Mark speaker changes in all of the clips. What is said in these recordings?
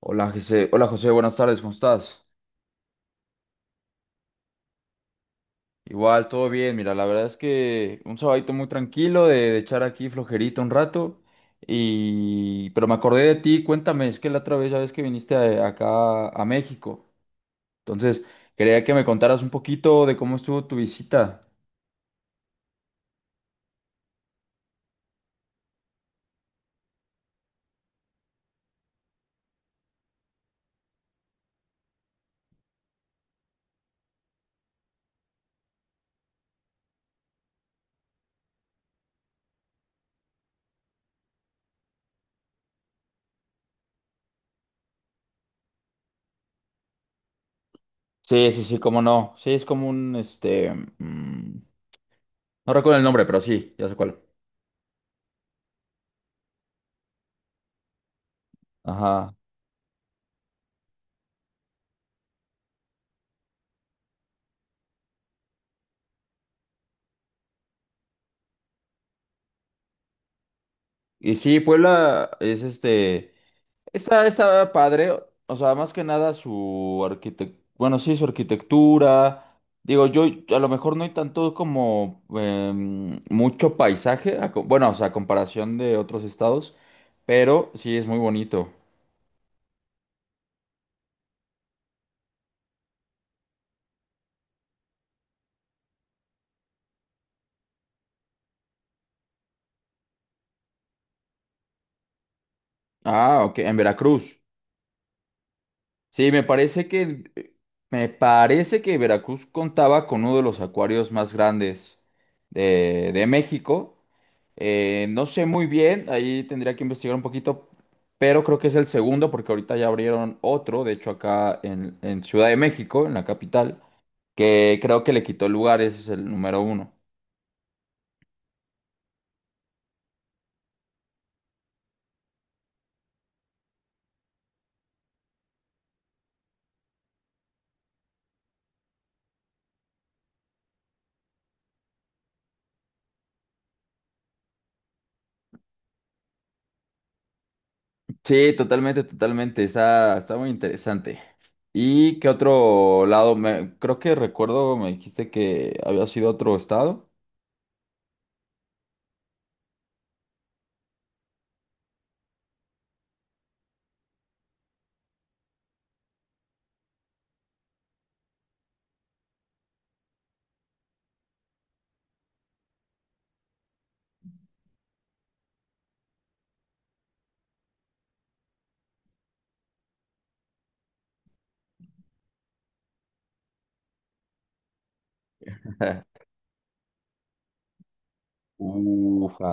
Speaker 1: Hola José, buenas tardes, ¿cómo estás? Igual, todo bien, mira, la verdad es que un sabadito muy tranquilo de echar aquí flojerito un rato Pero me acordé de ti, cuéntame, es que la otra vez ya ves que viniste acá a México, entonces quería que me contaras un poquito de cómo estuvo tu visita. Sí, sí, sí, cómo no, sí, es como un, mm, no recuerdo el nombre, pero sí, ya sé cuál. Ajá. Y sí, Puebla es está padre, o sea, más que nada su arquitectura, bueno, sí, su arquitectura. Digo, yo a lo mejor no hay tanto como mucho paisaje, bueno, o sea, a comparación de otros estados, pero sí es muy bonito. Ah, ok, en Veracruz. Sí, me parece que Veracruz contaba con uno de los acuarios más grandes de, México. No sé muy bien, ahí tendría que investigar un poquito, pero creo que es el segundo porque ahorita ya abrieron otro, de hecho acá en Ciudad de México, en la capital, que creo que le quitó el lugar, ese es el número uno. Sí, totalmente, totalmente, está muy interesante. ¿Y qué otro lado? Creo que recuerdo, me dijiste que había sido otro estado. Ufa,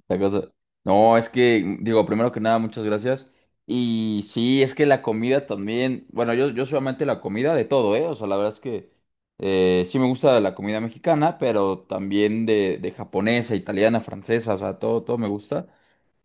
Speaker 1: esta cosa- no, es que, digo, primero que nada, muchas gracias. Y sí, es que la comida también, bueno, yo soy amante de la comida de todo, ¿eh? O sea, la verdad es que sí me gusta la comida mexicana, pero también de, japonesa, italiana, francesa, o sea, todo, todo me gusta.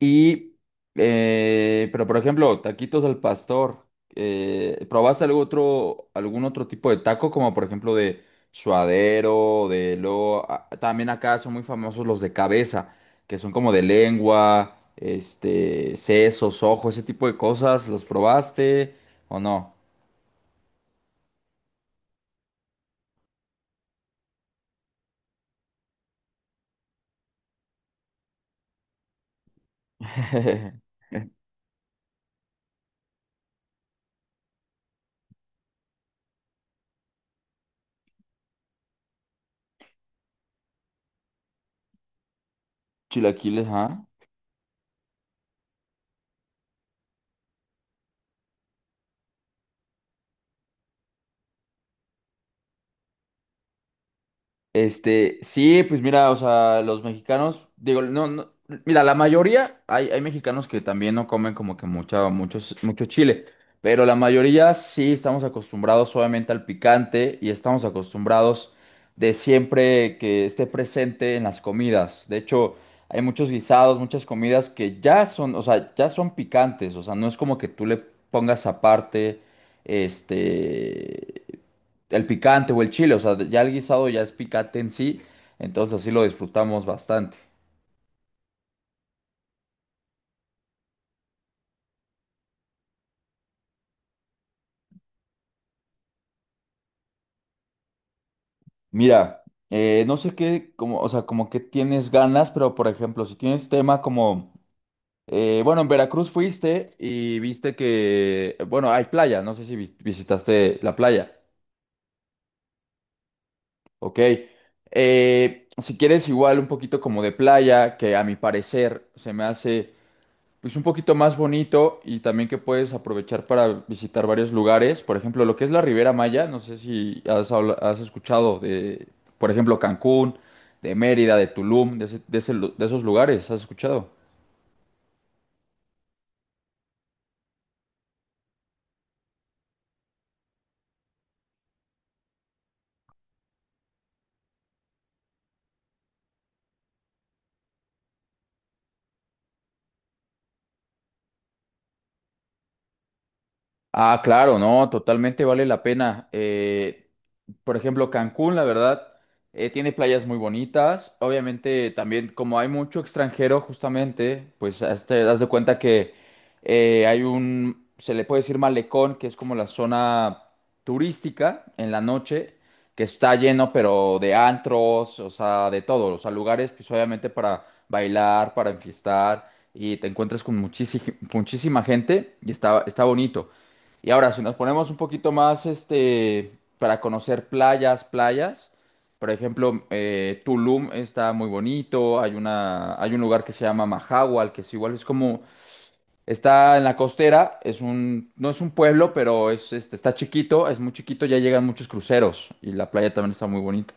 Speaker 1: Y, pero por ejemplo, taquitos al pastor. ¿Probaste algún otro tipo de taco, como por ejemplo de suadero, de lo también acá son muy famosos los de cabeza, que son como de lengua, sesos, ojos, ese tipo de cosas. ¿Los probaste o no? Chilaquiles, ¿ah? Sí, pues mira, o sea, los mexicanos, digo, no, no, mira, la mayoría, hay mexicanos que también no comen como que mucho chile, pero la mayoría sí estamos acostumbrados obviamente al picante y estamos acostumbrados de siempre que esté presente en las comidas. De hecho, hay muchos guisados, muchas comidas que ya son, o sea, ya son picantes, o sea, no es como que tú le pongas aparte, este, el picante o el chile, o sea, ya el guisado ya es picante en sí, entonces así lo disfrutamos bastante. Mira, no sé qué, como, o sea, como que tienes ganas, pero por ejemplo, si tienes tema como, bueno, en Veracruz fuiste y viste que, bueno, hay playa, no sé si visitaste la playa, ok. Si quieres igual un poquito como de playa, que a mi parecer se me hace pues un poquito más bonito y también que puedes aprovechar para visitar varios lugares. Por ejemplo, lo que es la Riviera Maya, no sé si has escuchado de, por ejemplo, Cancún, de Mérida, de Tulum, de esos lugares, ¿has escuchado? Ah, claro, no, totalmente vale la pena. Por ejemplo, Cancún, la verdad, tiene playas muy bonitas. Obviamente, también como hay mucho extranjero, justamente, pues te das de cuenta que hay un, se le puede decir malecón, que es como la zona turística en la noche, que está lleno, pero de antros, o sea, de todo, o sea, lugares, pues obviamente para bailar, para enfiestar, y te encuentras con muchísima, muchísima gente y está bonito. Y ahora, si nos ponemos un poquito más, para conocer playas, playas, por ejemplo, Tulum está muy bonito, hay un lugar que se llama Mahahual, que es igual, es como, está en la costera, es un, no es un pueblo, pero está chiquito, es muy chiquito, ya llegan muchos cruceros y la playa también está muy bonita.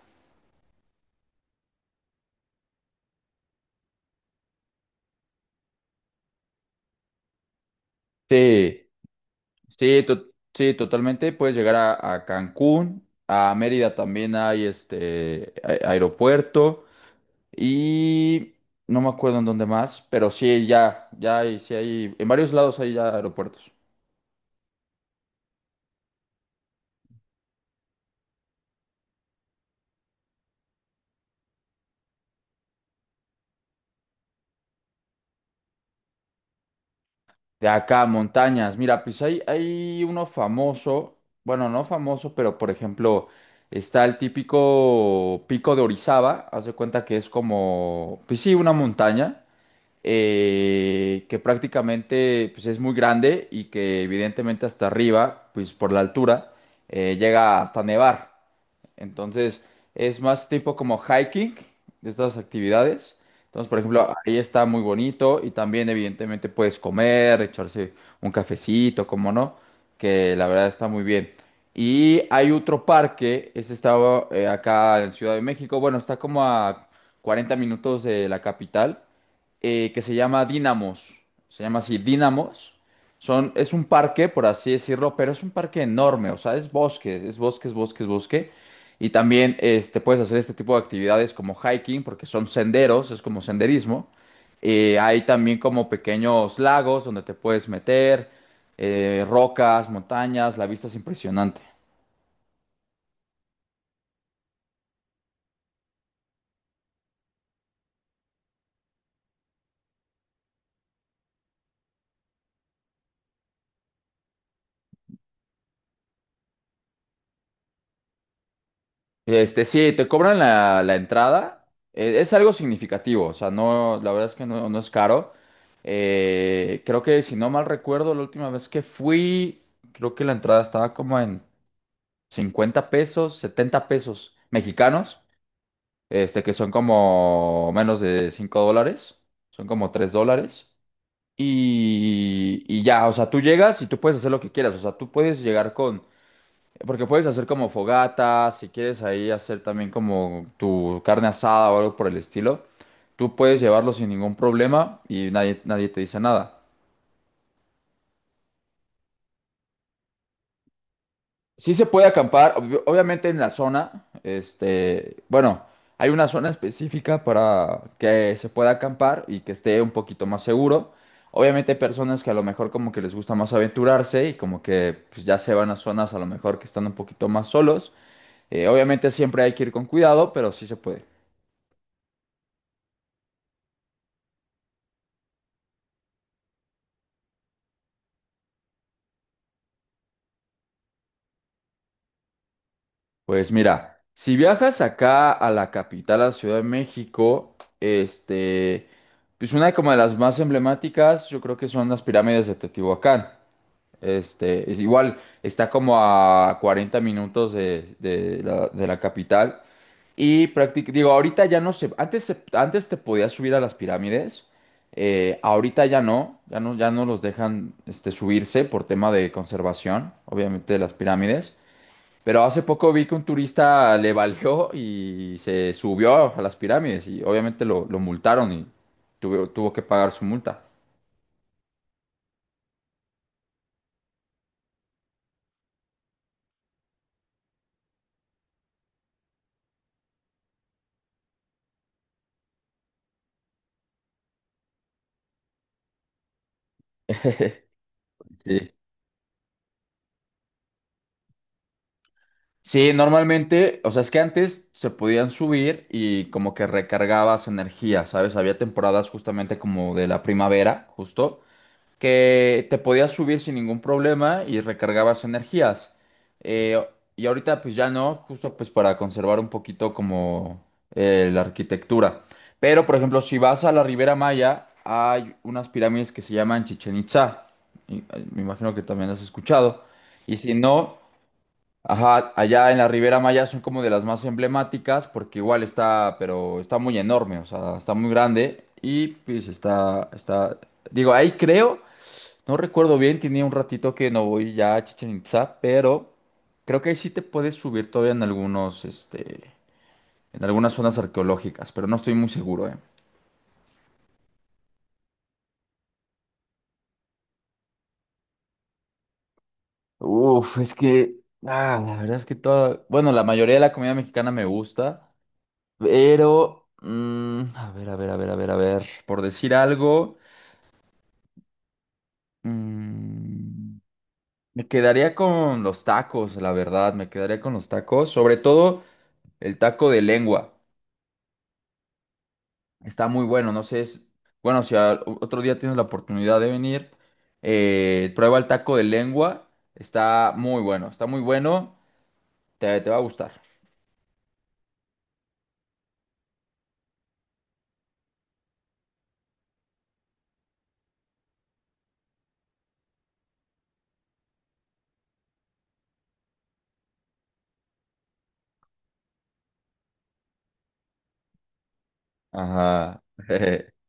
Speaker 1: Sí, sí, sí, totalmente, puedes llegar a, Cancún, a Mérida también hay, aeropuerto. Y no me acuerdo en dónde más, pero sí, ya hay, sí hay, en varios lados hay ya aeropuertos. De acá, montañas. Mira, pues hay uno famoso, bueno, no famoso, pero por ejemplo, está el típico pico de Orizaba, haz de cuenta que es como, pues sí, una montaña, que prácticamente pues es muy grande y que evidentemente hasta arriba, pues por la altura, llega hasta nevar. Entonces, es más tipo como hiking de estas actividades. Entonces, por ejemplo, ahí está muy bonito y también evidentemente puedes comer, echarse un cafecito, como no, que la verdad está muy bien. Y hay otro parque, ese estaba acá en Ciudad de México, bueno, está como a 40 minutos de la capital, que se llama Dinamos, se llama así Dinamos. Es un parque, por así decirlo, pero es un parque enorme, o sea, es bosque, es bosque, es bosque, es bosque. Y también puedes hacer este tipo de actividades como hiking, porque son senderos, es como senderismo. Hay también como pequeños lagos donde te puedes meter, rocas, montañas, la vista es impresionante. Sí, te cobran la entrada, es algo significativo, o sea, no, la verdad es que no, no es caro. Creo que si no mal recuerdo, la última vez que fui, creo que la entrada estaba como en $50, $70 mexicanos. Que son como menos de $5, son como $3. Y ya, o sea, tú llegas y tú puedes hacer lo que quieras, o sea, tú puedes llegar porque puedes hacer como fogatas, si quieres ahí hacer también como tu carne asada o algo por el estilo, tú puedes llevarlo sin ningún problema y nadie, nadie te dice nada. Sí se puede acampar, obviamente en la zona, bueno, hay una zona específica para que se pueda acampar y que esté un poquito más seguro. Obviamente hay personas que a lo mejor como que les gusta más aventurarse y como que pues, ya se van a zonas a lo mejor que están un poquito más solos. Obviamente siempre hay que ir con cuidado, pero sí se puede. Pues mira, si viajas acá a la capital, a la Ciudad de México, pues una como de las más emblemáticas, yo creo que son las pirámides de Teotihuacán. Es igual, está como a 40 minutos de la capital. Y prácticamente, digo, ahorita ya no sé, antes, antes te podías subir a las pirámides, ahorita ya no, ya no, ya no los dejan subirse por tema de conservación, obviamente, de las pirámides. Pero hace poco vi que un turista le valió y se subió a las pirámides y obviamente lo multaron y tuvo que pagar su multa. Sí. Sí, normalmente, o sea, es que antes se podían subir y como que recargabas energía, ¿sabes? Había temporadas justamente como de la primavera, justo, que te podías subir sin ningún problema y recargabas energías. Eh, y ahorita pues ya no, justo pues para conservar un poquito como la arquitectura. Pero, por ejemplo, si vas a la Ribera Maya, hay unas pirámides que se llaman Chichen Itza. Me imagino que también has escuchado. Y si no... Ajá, allá en la Ribera Maya son como de las más emblemáticas porque igual está, pero está muy enorme, o sea, está muy grande y pues está, digo, ahí creo, no recuerdo bien, tenía un ratito que no voy ya a Chichen Itzá, pero creo que ahí sí te puedes subir todavía en algunas zonas arqueológicas, pero no estoy muy seguro, ¿eh? Uf, es que, la verdad es que toda, bueno, la mayoría de la comida mexicana me gusta. Pero, a ver, a ver, a ver, a ver, a ver, por decir algo, mm, me quedaría con los tacos, la verdad, me quedaría con los tacos, sobre todo el taco de lengua. Está muy bueno, no sé, bueno, si otro día tienes la oportunidad de venir, prueba el taco de lengua, está muy bueno, te va a gustar. Ajá.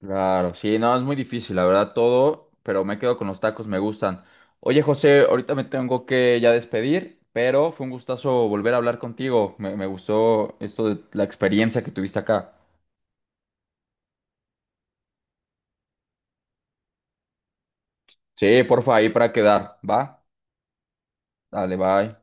Speaker 1: Claro, sí, no, es muy difícil, la verdad, todo, pero me quedo con los tacos, me gustan. Oye, José, ahorita me tengo que ya despedir, pero fue un gustazo volver a hablar contigo. Me gustó esto de la experiencia que tuviste acá. Sí, porfa, ahí para quedar, ¿va? Dale, bye.